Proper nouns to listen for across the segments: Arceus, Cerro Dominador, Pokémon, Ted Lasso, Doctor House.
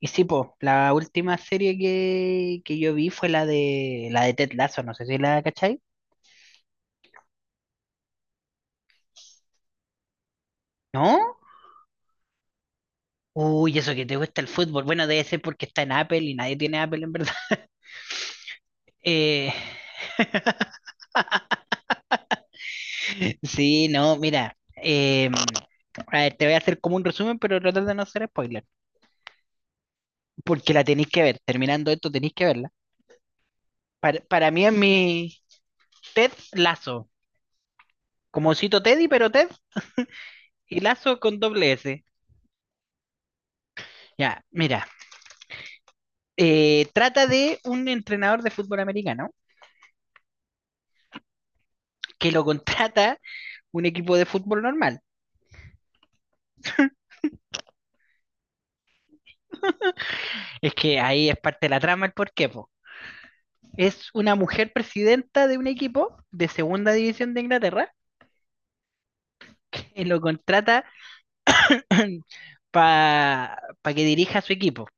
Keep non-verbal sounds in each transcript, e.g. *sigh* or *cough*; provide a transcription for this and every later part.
Y sí, pues, la última serie que yo vi fue la de Ted Lasso, no sé si la cachai. ¿No? Uy, eso que te gusta el fútbol. Bueno, debe ser porque está en Apple y nadie tiene Apple en verdad. *laughs* Eh, sí, no, mira. A ver, te voy a hacer como un resumen, pero tratar de no hacer spoiler. Porque la tenéis que ver. Terminando esto, tenéis que verla. Para mí es mi Ted Lasso. Como cito Teddy, pero Ted y Lazo con doble S. Ya, mira. Trata de un entrenador de fútbol americano que lo contrata un equipo de fútbol normal. Es que ahí es parte de la trama el porqué, po. Es una mujer presidenta de un equipo de segunda división de Inglaterra que lo contrata *clears throat* *coughs* para pa que dirija su equipo.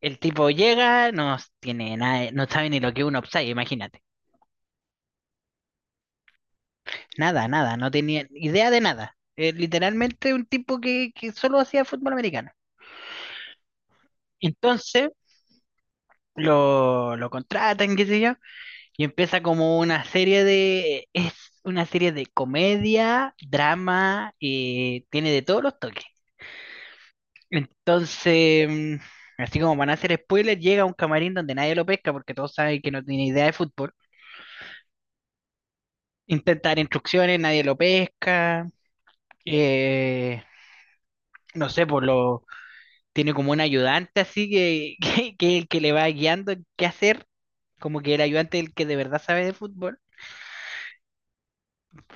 El tipo llega, no tiene nada, no sabe ni lo que es un offside, imagínate. Nada, nada, no tenía idea de nada. Es literalmente un tipo que solo hacía fútbol americano. Entonces, lo contratan, qué sé yo. Y empieza como una serie de, es una serie de comedia, drama, tiene de todos los toques. Entonces, así como van a hacer spoilers, llega a un camarín donde nadie lo pesca porque todos saben que no tiene idea de fútbol. Intenta dar instrucciones, nadie lo pesca. eh, no sé, tiene como un ayudante así que, *laughs* que le va guiando qué hacer. Como que el ayudante es el que de verdad sabe de fútbol.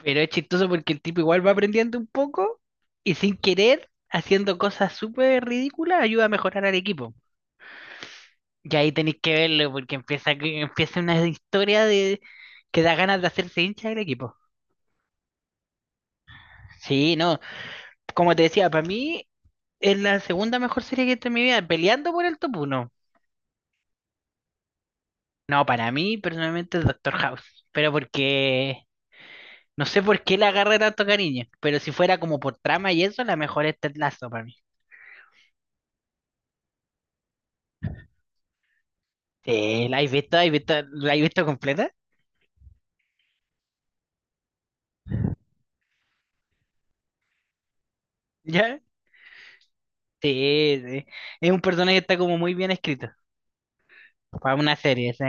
Pero es chistoso porque el tipo igual va aprendiendo un poco y sin querer, haciendo cosas súper ridículas, ayuda a mejorar al equipo. Y ahí tenéis que verlo porque empieza una historia de que da ganas de hacerse hincha del equipo. Sí, no, como te decía, para mí es la segunda mejor serie que he visto en mi vida, peleando por el top uno. No, para mí personalmente es Doctor House, pero porque no sé por qué le agarré tanto cariño, pero si fuera como por trama y eso, la mejor es Ted Lasso para mí. Sí, ¿la has visto? ¿Has visto? ¿La has visto completa? ¿Ya? Sí, sí. Es un personaje que está como muy bien escrito para una serie, sí.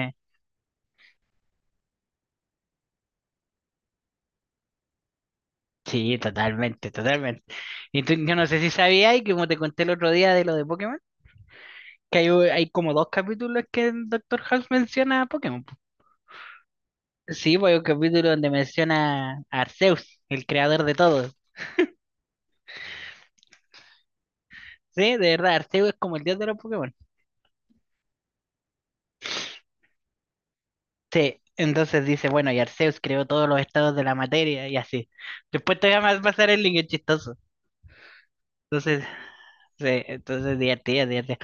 Sí, totalmente, totalmente. Y yo no sé si sabías, y como te conté el otro día de lo de Pokémon, que hay como dos capítulos que el Doctor House menciona a Pokémon. Sí, pues hay un capítulo donde menciona a Arceus, el creador de todo. Sí, de verdad, Arceus es como el dios de los Pokémon. Sí, entonces dice, bueno, y Arceus creó todos los estados de la materia y así. Después te voy a pasar el link, es chistoso. Entonces, sí, entonces divertida, divertida.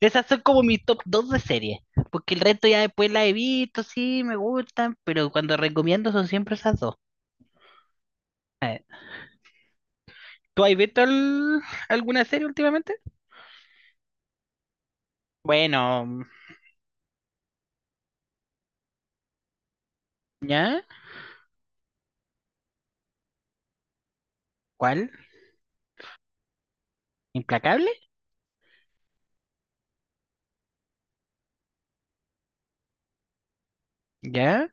Esas son como mi top 2 de series, porque el resto ya después la he visto, sí, me gustan, pero cuando recomiendo son siempre esas dos. Eh, ¿Tú has visto alguna serie últimamente? Bueno, mm, ¿ya? ¿Cuál? ¿Implacable? ¿Ya?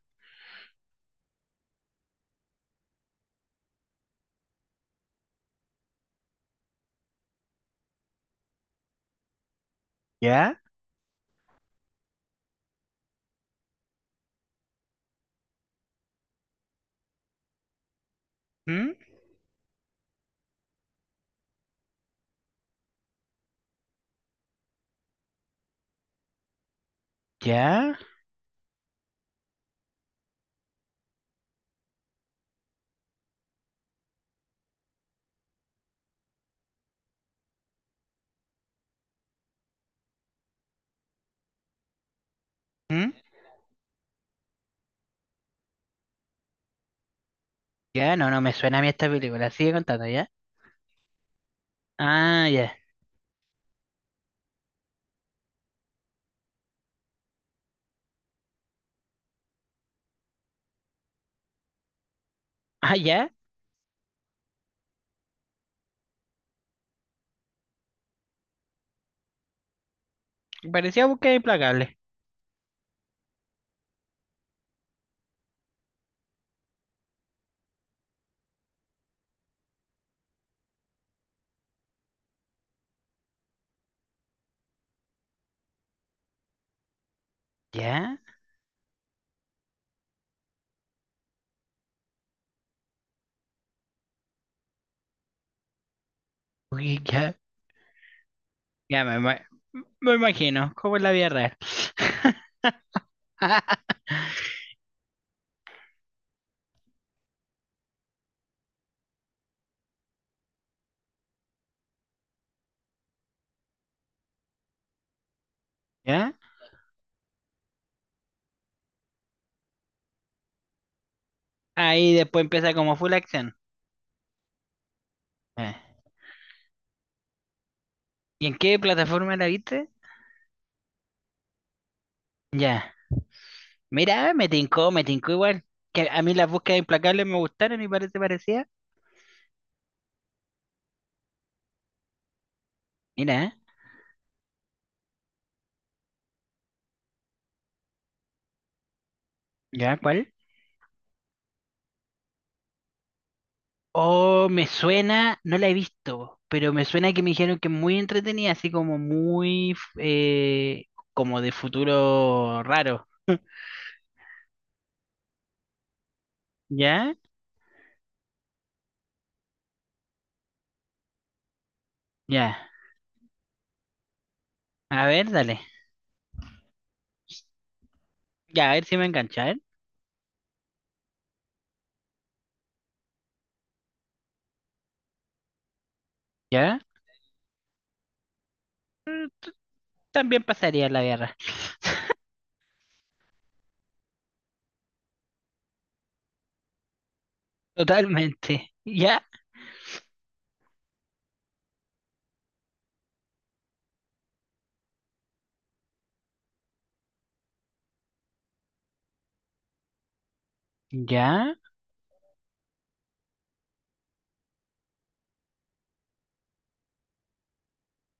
¿Ya? ¿Mm? ¿Ya? ¿Mm? ¿Ya? No, no me suena a mí esta película, sigue contando, ¿ya? Ah, ya. Ah, ya. Parecía búsqueda implacable. ¿Ya? Uy, ya. Ya me imagino, como es la vida real. *laughs* ¿Ya? Ahí después empieza como full action. Ya. ¿Y en qué plataforma la viste? Ya. Mira, me tincó igual. Que a mí las búsquedas implacables me gustaron y parece parecía. Mira, ¿ya cuál? Oh, me suena, no la he visto, pero me suena que me dijeron que es muy entretenida, así como muy, como de futuro raro. ¿Ya? Ya. A ver, dale. Ya, a ver si me engancha, ¿eh? ¿Ya? También pasaría la guerra. Totalmente. Ya, ya,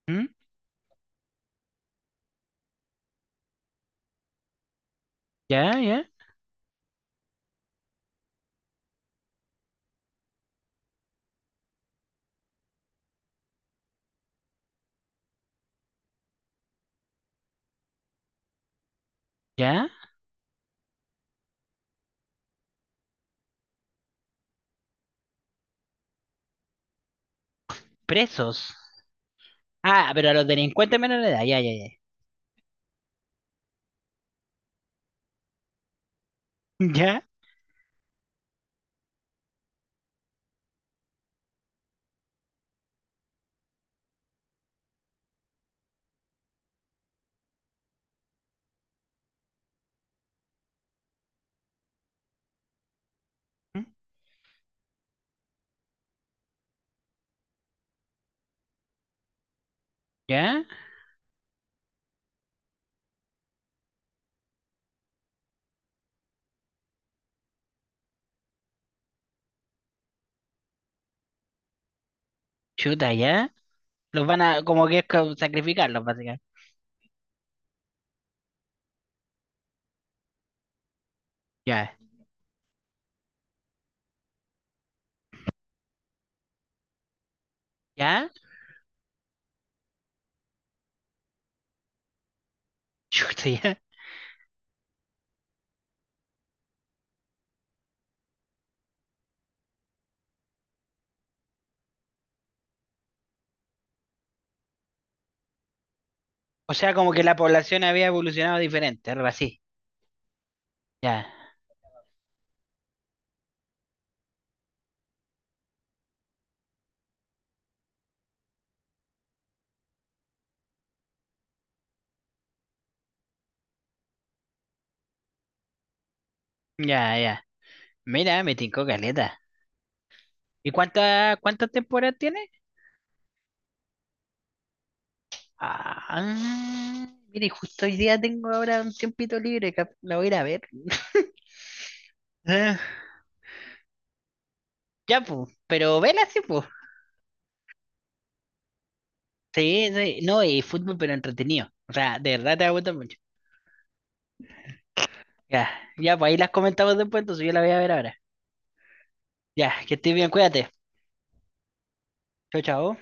¿mm? Ya, ya, ya. Presos. Ah, pero a los delincuentes menores de edad, ya, ya, ya. *laughs* Ya, ¿mm? Ya, chuta, ya. Los van a, como que es como sacrificarlos, básicamente. Ya, ya, *laughs* chuta, ya. O sea, como que la población había evolucionado diferente, algo así. Ya, ya, ya. Mira, me tincó caleta. ¿Y cuánta, cuántas temporadas tiene? Ah, mire, justo hoy día tengo ahora un tiempito libre, la voy a ir a ver. *laughs* Eh, Ya, pues, pero vela sí, pues. Sí, sí, no, y fútbol, pero entretenido. O sea, de verdad te va a gustar mucho. Ya, ya, pues ahí las comentamos después, entonces yo la voy a ver ahora. Ya, que estés bien, cuídate. Chao, chao.